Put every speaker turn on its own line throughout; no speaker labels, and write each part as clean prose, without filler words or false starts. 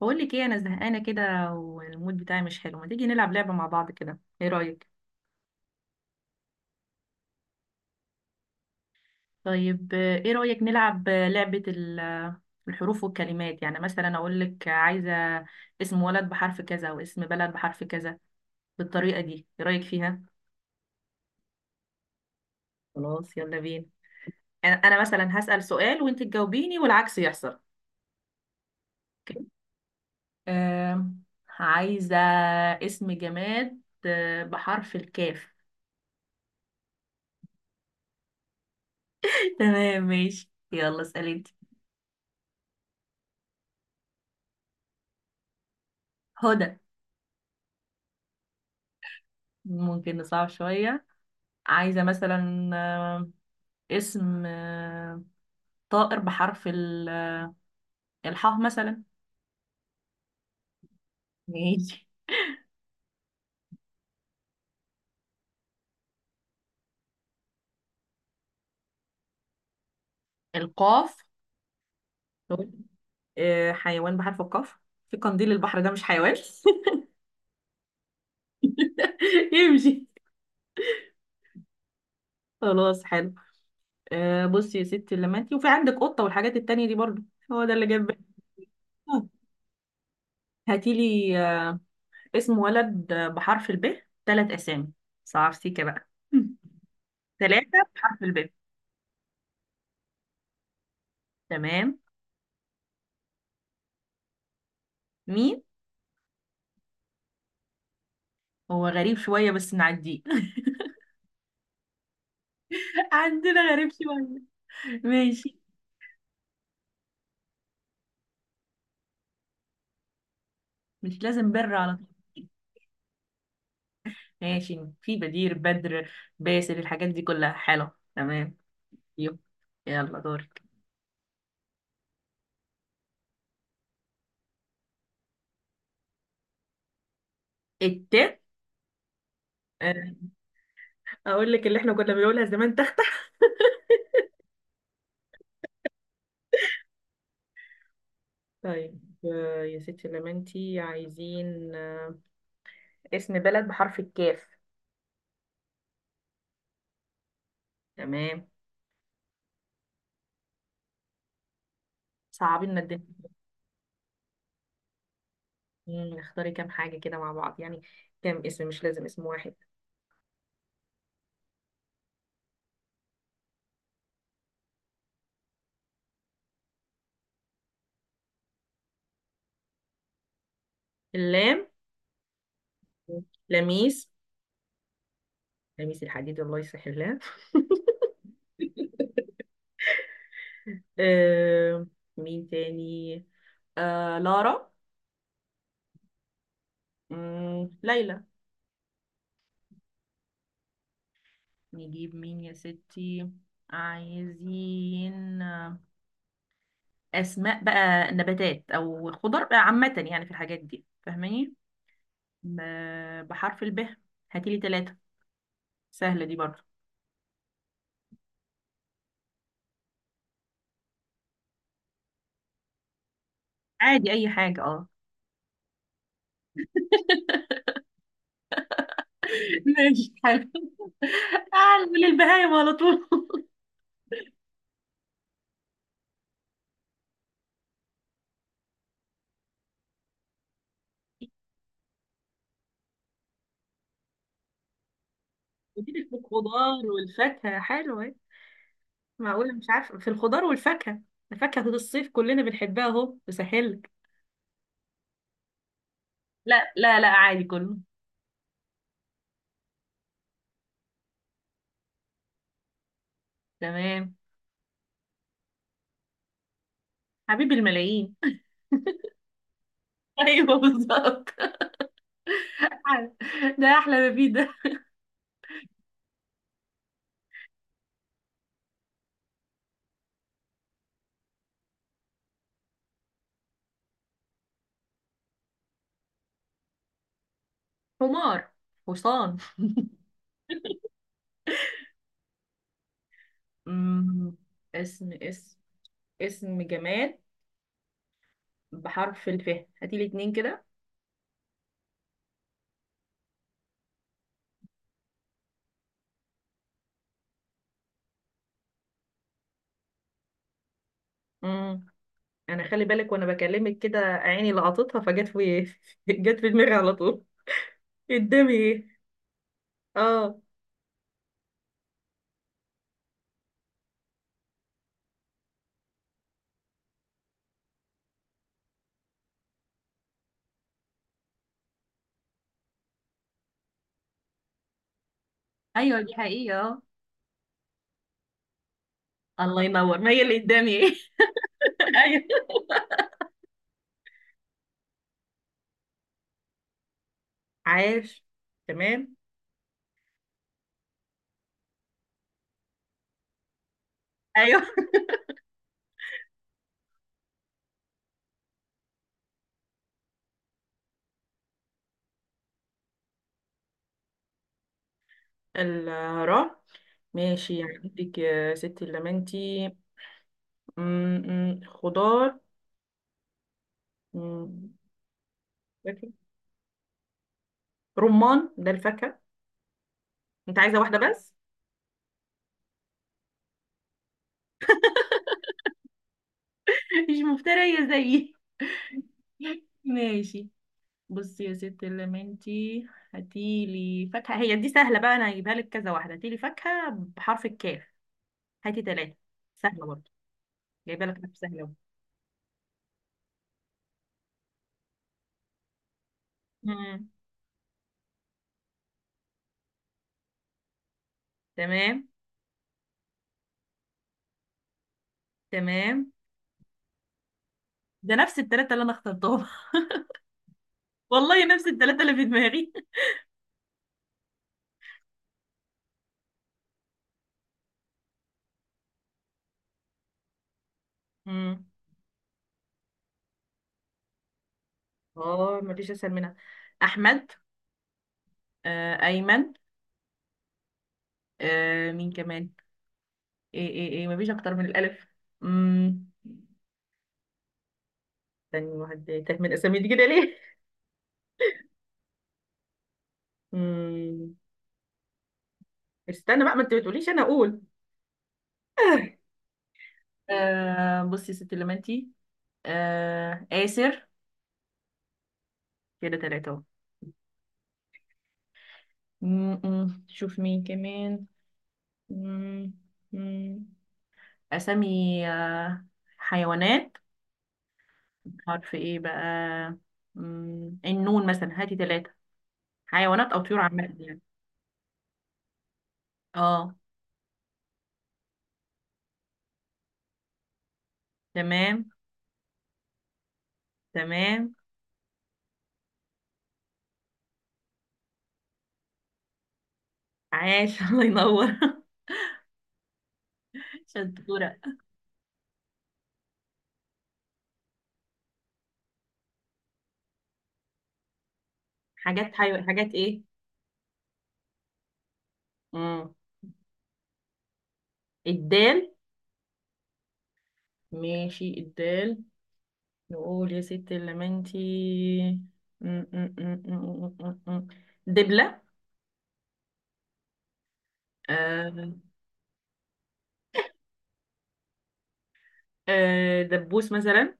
بقول لك ايه، انا زهقانه كده والمود بتاعي مش حلو. ما تيجي نلعب لعبه مع بعض كده؟ ايه رايك؟ طيب، ايه رايك نلعب لعبه الحروف والكلمات؟ يعني مثلا اقول لك عايزه اسم ولد بحرف كذا، واسم بلد بحرف كذا، بالطريقه دي. ايه رايك فيها؟ خلاص، يلا بينا. انا مثلا هسال سؤال وانت تجاوبيني والعكس يحصل. اوكي. آم، عايزه اسم جماد بحرف الكاف. تمام ماشي، يلا اسالي انت. هدى. ممكن نصعب شوية. عايزة مثلا اسم طائر بحرف الحاء مثلا. ماشي. القاف. حيوان بحرف القاف. في قنديل البحر، ده مش حيوان؟ يمشي. خلاص حلو. بصي يا ستي، لما انتي وفي عندك قطة والحاجات التانية دي برضو، هو ده اللي جاب بالي. آه، هاتيلي اسم ولد بحرف الب، ثلاث أسامي. صعب سيكا بقى. ثلاثة بحرف الب. تمام. مين؟ هو غريب شوية بس نعديه. عندنا غريب شوية. ماشي. مش لازم بر على طول. ماشي، في بدير، بدر، باسل، الحاجات دي كلها حلو. تمام. يو. يلا دورك. الت. آه، اقول لك اللي احنا كنا بنقولها زمان: تختك. طيب، يا ستي لما انتي عايزين اسم بلد بحرف الكاف. تمام. صعبين لنا الدنيا. اختاري كام حاجة كده مع بعض يعني، كام اسم، مش لازم اسم واحد. اللام. لميس. لميس الحديد، الله يصلح الله. آه، مين تاني؟ آه، لارا. مم. ليلى. نجيب مين يا ستي؟ عايزين أسماء بقى نباتات أو خضر بقى، عامة يعني في الحاجات دي، فاهماني؟ ب... بحرف الب، هاتيلي ثلاثة. سهلة دي برضه. عادي أي حاجة، اه. ماشي حلو. تعال من البهايم على طول. قلتلك الخضار والفاكهة حلوة. معقولة مش عارفة في الخضار والفاكهة؟ ده فاكهة الصيف كلنا بنحبها، اهو بسهلك. لا لا لا، عادي كله. تمام. حبيب الملايين. ايوه بالظبط. ده احلى ما فيه ده. حمار، حصان. مم. اسم اسم اسم جماد بحرف الف. هاتي لي اتنين كده. مم. انا خلي بالك وانا بكلمك كده، عيني لقطتها فجت في جت في دماغي على طول. قدامي ايه؟ اه. ايوه دي حقيقة. اه الله ينور، ما هي اللي قدامي ايه. ايوه. عاش. تمام. ايوه. الراء. ماشي، يعني عندك يا ستي اللمنتي خضار، م- فاكهة. رمان ده الفاكهة. انت عايزة واحدة بس؟ مش مفترية زيي. ماشي. بصي يا ستي اللمنتي، هاتيلي فاكهة، هي دي سهلة بقى، انا هجيبها لك كذا واحدة. هاتيلي فاكهة بحرف الكاف، هاتي ثلاثة. سهلة برضه، جايبة لك حاجة سهلة أهو. مم. تمام. تمام. ده نفس الثلاثة اللي انا اخترتهم. والله نفس الثلاثة اللي في دماغي. امم. اه مفيش اسهل منها. احمد. آه ايمن. آه مين كمان؟ ايه ايه ايه، مفيش اكتر من الالف. امم. تاني واحد تاه من الاسامي دي كده ليه؟ امم. استنى بقى، ما انت بتقوليش انا اقول. آه، بصي يا ست لمنتي، آه آسر. كده تلاتة اهو. م- م. شوف مين كمان. م- م. أسامي، آه، حيوانات. حرف ايه بقى؟ النون مثلا، هاتي ثلاثة حيوانات او طيور عامة يعني. اه. تمام. تمام. عاش. الله ينور. شطورة. حاجات ايه؟ مم. الدال. ماشي، الدال. نقول يا ست اللمنتي. مم، مم، مم، مم، مم، مم. دبلة. آه. دبوس مثلا.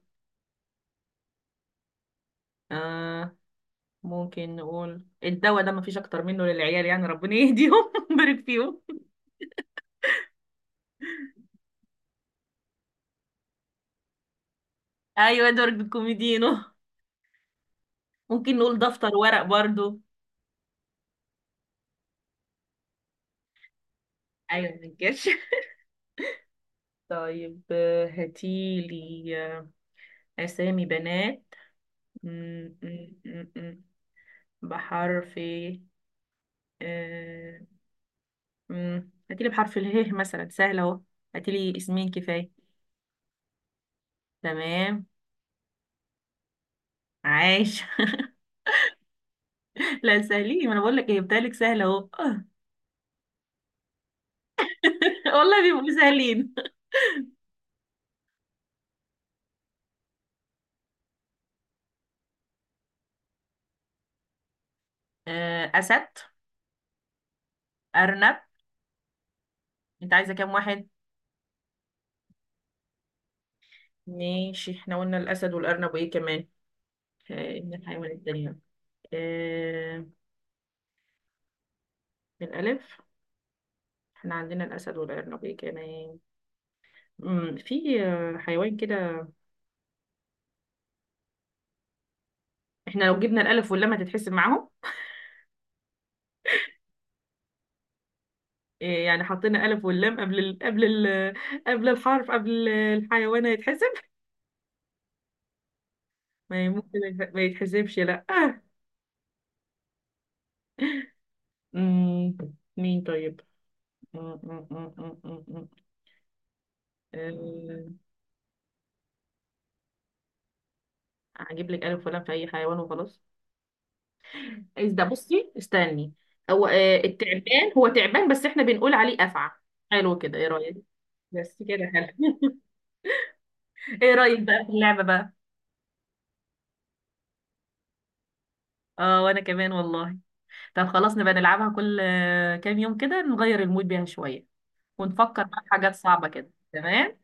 آه. ممكن نقول الدواء، ده مفيش اكتر منه للعيال يعني، ربنا يهديهم ويبارك فيهم. ايوه ادوارد الكوميدينو. ممكن نقول دفتر ورق برضو. ايوه، ما ننكرش. طيب، هاتيلي آه، اسامي بنات م- م- م- م- بحرف إيه؟ آه، م- هاتيلي بحرف اله مثلا، سهل اهو. هاتيلي اسمين كفايه. تمام. عاش. لا سهلين، ما انا بقول لك ايه بتهيألك سهل اهو. والله بيبقوا سهلين. اسد. ارنب. انت عايزه كام واحد؟ ماشي. احنا قلنا الاسد والارنب، وايه كمان؟ من الحيوان التانية. آه، بالألف احنا عندنا الأسد والأرنبي، كمان في حيوان كده. احنا لو جبنا الألف واللام هتتحسب معاهم؟ يعني حطينا ألف واللام قبل الحرف، قبل الحيوان، هيتحسب؟ ما ي- ممكن يت- ما يتحسبش، لا آه. مم، مين طيب؟ مم، مم، مم، مم، مم، مم. آه، هجيب لك ألف ولام في أي حيوان وخلاص. ده بصي استني. هو التعبان، هو تعبان بس احنا بنقول عليه افعى. حلو كده، ايه رايك؟ بس كده حلو. ايه رايك بقى في اللعبه بقى؟ اه وانا كمان والله. طب خلاص، نبقى نلعبها كل كام يوم كده، نغير المود بيها شويه، ونفكر بقى في حاجات صعبه كده. تمام.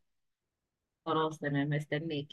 خلاص تمام، استنيك.